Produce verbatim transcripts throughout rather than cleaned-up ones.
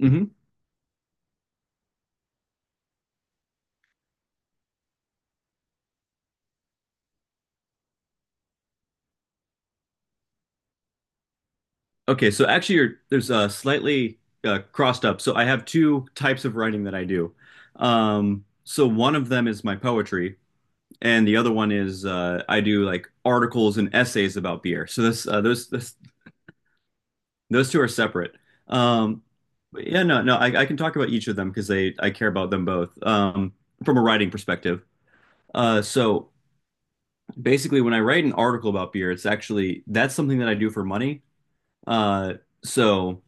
hmm Okay, so actually, you're, there's uh, slightly uh, crossed up. So I have two types of writing that I do. Um, so one of them is my poetry, and the other one is uh, I do like articles and essays about beer. So this, uh, those this, those two are separate. Um, but yeah, no, no, I, I can talk about each of them because they I care about them both, um, from a writing perspective. Uh, so basically, when I write an article about beer, it's actually that's something that I do for money. Uh, so.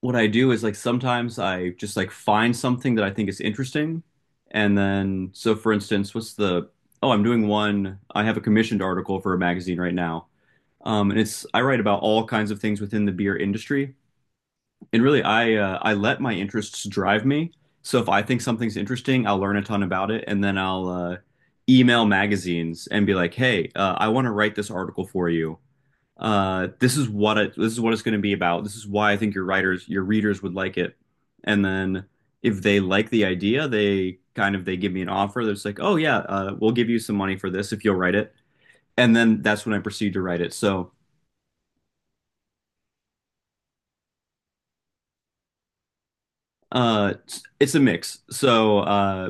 What I do is like sometimes I just like find something that I think is interesting. And then, so for instance, what's the, oh, I'm doing one, I have a commissioned article for a magazine right now. Um, and it's, I write about all kinds of things within the beer industry. And really, I, uh, I let my interests drive me. So if I think something's interesting, I'll learn a ton about it. And then I'll, uh, email magazines and be like, hey, uh, I want to write this article for you, uh, this is what it this is what it's going to be about. This is why I think your writers your readers would like it. And then if they like the idea, they kind of they give me an offer. They're like, oh yeah, uh, we'll give you some money for this if you'll write it. And then that's when I proceed to write it. So uh, it's, it's a mix. So uh,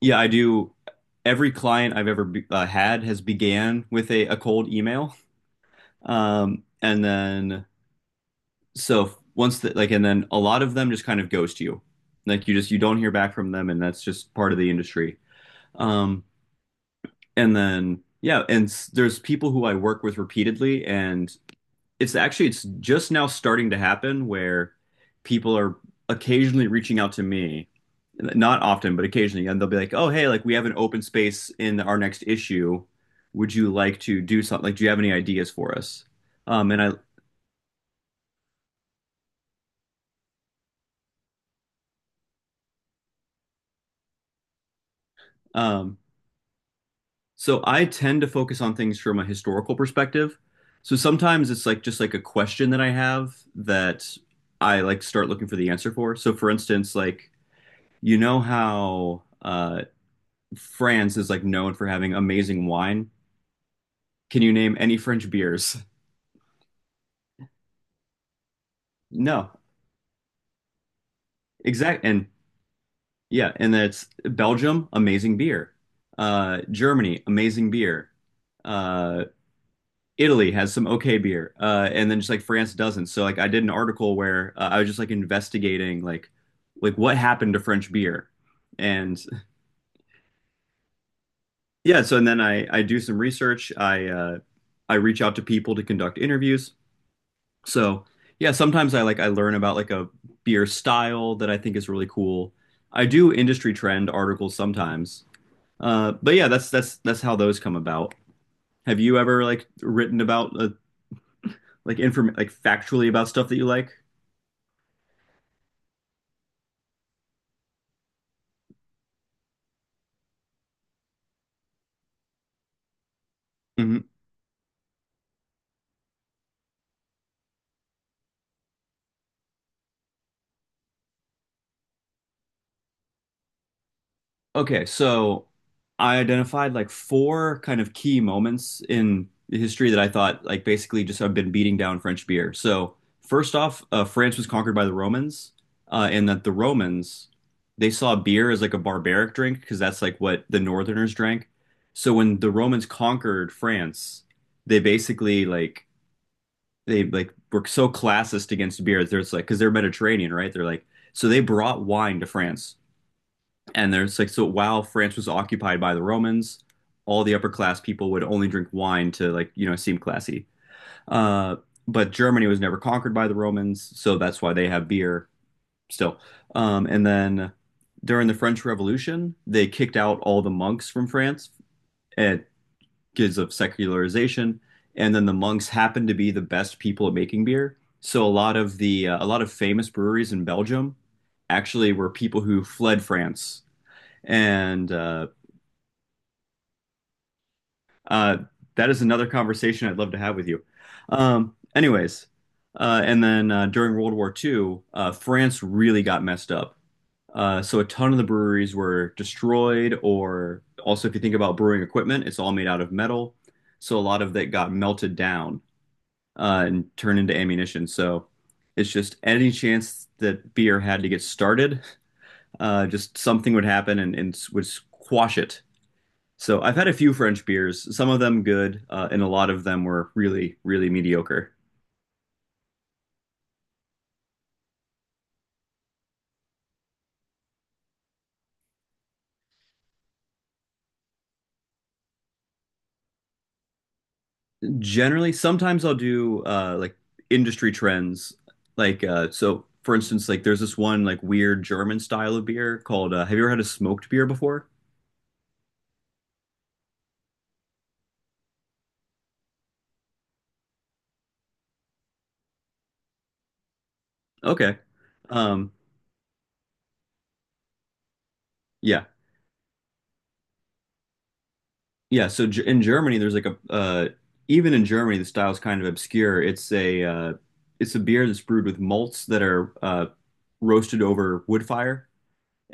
yeah, I do. Every client I've ever be, uh, had has began with a, a cold email, um, and then so once that like and then a lot of them just kind of ghost you. Like you just you don't hear back from them, and that's just part of the industry. um and then yeah, and s- there's people who I work with repeatedly, and it's actually it's just now starting to happen where people are occasionally reaching out to me, not often but occasionally, and they'll be like, oh hey, like we have an open space in our next issue. Would you like to do something? Like, do you have any ideas for us? Um and I um So I tend to focus on things from a historical perspective. So sometimes it's like just like a question that I have that I like start looking for the answer for. So for instance, like you know how uh France is like known for having amazing wine. Can you name any French beers? No. Exact and Yeah, and that's Belgium, amazing beer. Uh Germany, amazing beer. Uh, Italy has some okay beer, uh, and then just like France doesn't. So like I did an article where, uh, I was just like investigating, like like what happened to French beer, and yeah. So and then I I do some research. I uh, I reach out to people to conduct interviews. So yeah, sometimes I like I learn about like a beer style that I think is really cool. I do industry trend articles sometimes, uh, but yeah, that's that's that's how those come about. Have you ever like written about, uh, like inform like factually about stuff that you like? Okay, so I identified like four kind of key moments in history that I thought like basically just have been beating down French beer. So first off, uh, France was conquered by the Romans, uh, and that the Romans, they saw beer as like a barbaric drink because that's like what the Northerners drank. So when the Romans conquered France, they basically like they like were so classist against beer. There's like because they're Mediterranean, right? They're like So they brought wine to France. And there's like, so while France was occupied by the Romans, all the upper class people would only drink wine to like, you know, seem classy. Uh, but Germany was never conquered by the Romans, so that's why they have beer still. Um, and then during the French Revolution, they kicked out all the monks from France, at because of secularization. And then the monks happened to be the best people at making beer. So a lot of the uh, a lot of famous breweries in Belgium actually were people who fled France and uh, uh, that is another conversation I'd love to have with you. Um, anyways, uh, and then uh, during World War two, uh, France really got messed up. Uh, so a ton of the breweries were destroyed, or also if you think about brewing equipment, it's all made out of metal. So a lot of that got melted down, uh, and turned into ammunition. So it's just any chance that beer had to get started, uh, just something would happen and, and would squash it. So I've had a few French beers, some of them good, uh, and a lot of them were really, really mediocre. Generally, sometimes I'll do, uh, like industry trends, like, uh, so. For instance, like there's this one like weird German style of beer called. Uh, have you ever had a smoked beer before? Okay. Um, yeah. Yeah. So G in Germany, there's like a, uh, even in Germany, the style's kind of obscure. It's a, uh, it's a beer that's brewed with malts that are, uh, roasted over wood fire.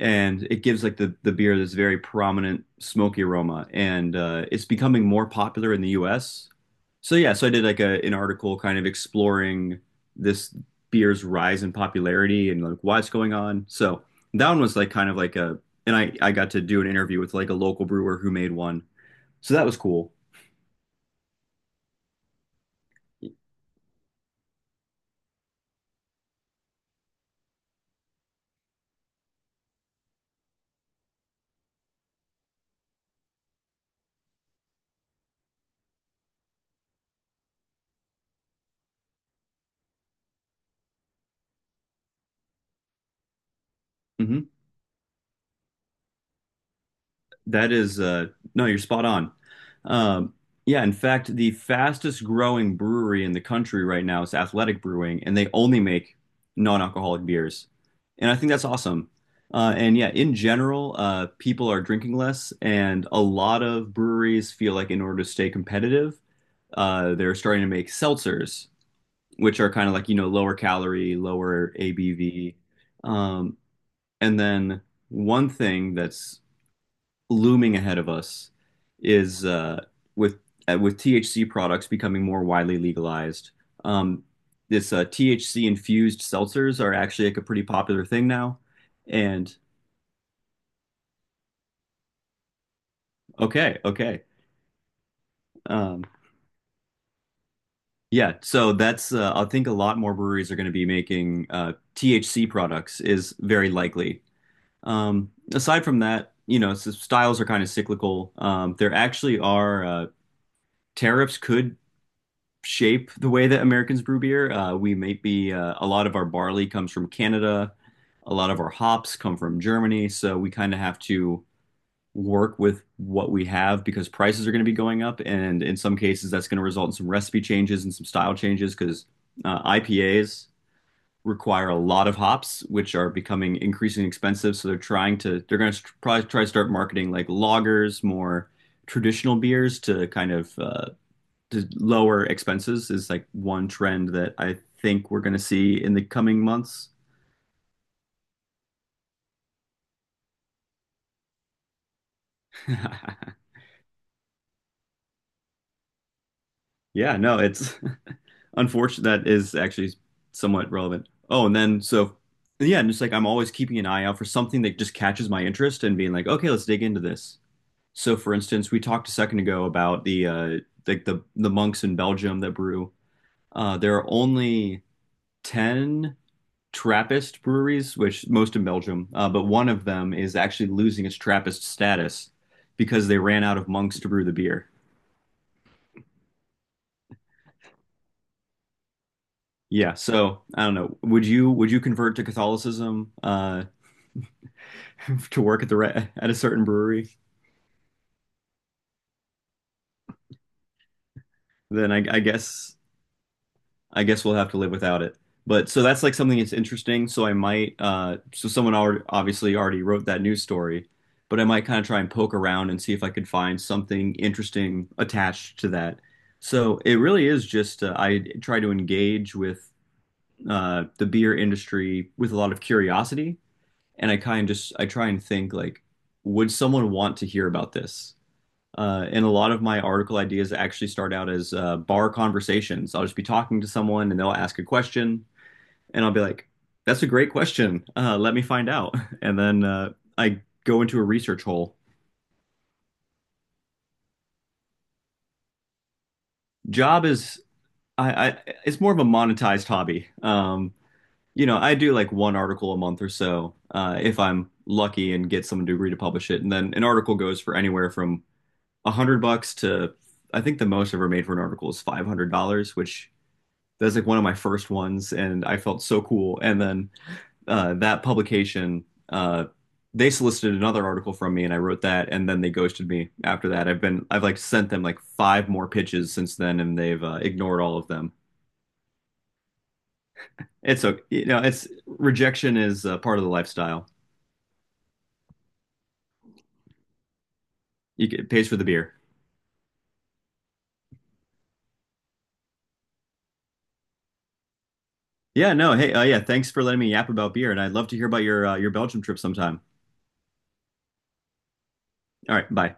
And it gives like the the beer this very prominent smoky aroma, and uh, it's becoming more popular in the U S. So yeah, so I did like a an article kind of exploring this beer's rise in popularity and like why it's going on. So that one was like kind of like a, and I I got to do an interview with like a local brewer who made one, so that was cool. Mhm. That is, uh, no, you're spot on. Um, yeah, in fact, the fastest growing brewery in the country right now is Athletic Brewing, and they only make non-alcoholic beers. And I think that's awesome. Uh, and yeah, in general, uh, people are drinking less, and a lot of breweries feel like in order to stay competitive, uh, they're starting to make seltzers, which are kind of like, you know, lower calorie, lower A B V. Um, and then one thing that's looming ahead of us is, uh, with uh, with T H C products becoming more widely legalized. Um, this uh, T H C infused seltzers are actually like a pretty popular thing now. And okay, okay, um, yeah. So that's, uh, I think a lot more breweries are going to be making, uh, T H C products is very likely. Um, aside from that, you know, s- styles are kind of cyclical. Um, there actually are, uh, tariffs could shape the way that Americans brew beer. Uh, we may be uh, A lot of our barley comes from Canada, a lot of our hops come from Germany, so we kind of have to work with what we have because prices are going to be going up, and in some cases that's going to result in some recipe changes and some style changes because, uh, I P As require a lot of hops, which are becoming increasingly expensive. So they're trying to they're going to probably try to start marketing like lagers, more traditional beers, to kind of, uh, the lower expenses is like one trend that I think we're going to see in the coming months. Yeah, no, it's unfortunate that is actually somewhat relevant. Oh, and then so yeah, and just like I'm always keeping an eye out for something that just catches my interest and being like, okay, let's dig into this. So for instance, we talked a second ago about the uh like the the monks in Belgium that brew. Uh there are only ten Trappist breweries, which most in Belgium, uh, but one of them is actually losing its Trappist status because they ran out of monks to brew the beer. Yeah, so I don't know. Would you would you convert to Catholicism, uh, to work at the re- at a certain brewery? Then I, I guess I guess we'll have to live without it. But so that's like something that's interesting. So I might, uh, so someone already, obviously already wrote that news story, but I might kind of try and poke around and see if I could find something interesting attached to that. So it really is just, uh, I try to engage with, uh, the beer industry with a lot of curiosity. And I kind of just, I try and think like, would someone want to hear about this? Uh, and a lot of my article ideas actually start out as, uh, bar conversations. I'll just be talking to someone and they'll ask a question, and I'll be like, "That's a great question. Uh, let me find out." And then uh, I go into a research hole. Job is I, I it's more of a monetized hobby. Um, you know, I do like one article a month or so, uh, if I'm lucky and get someone to agree to publish it. And then an article goes for anywhere from a hundred bucks to, I think the most I've ever made for an article is five hundred dollars, which that was like one of my first ones, and I felt so cool. And then uh, that publication, uh, they solicited another article from me, and I wrote that. And then they ghosted me after that. I've been, I've like sent them like five more pitches since then, and they've, uh, ignored all of them. It's okay, you know, it's rejection is, uh, part of the lifestyle. You, get, it pays for the beer. Yeah, no, hey, uh, yeah, thanks for letting me yap about beer, and I'd love to hear about your, uh, your Belgium trip sometime. All right, bye.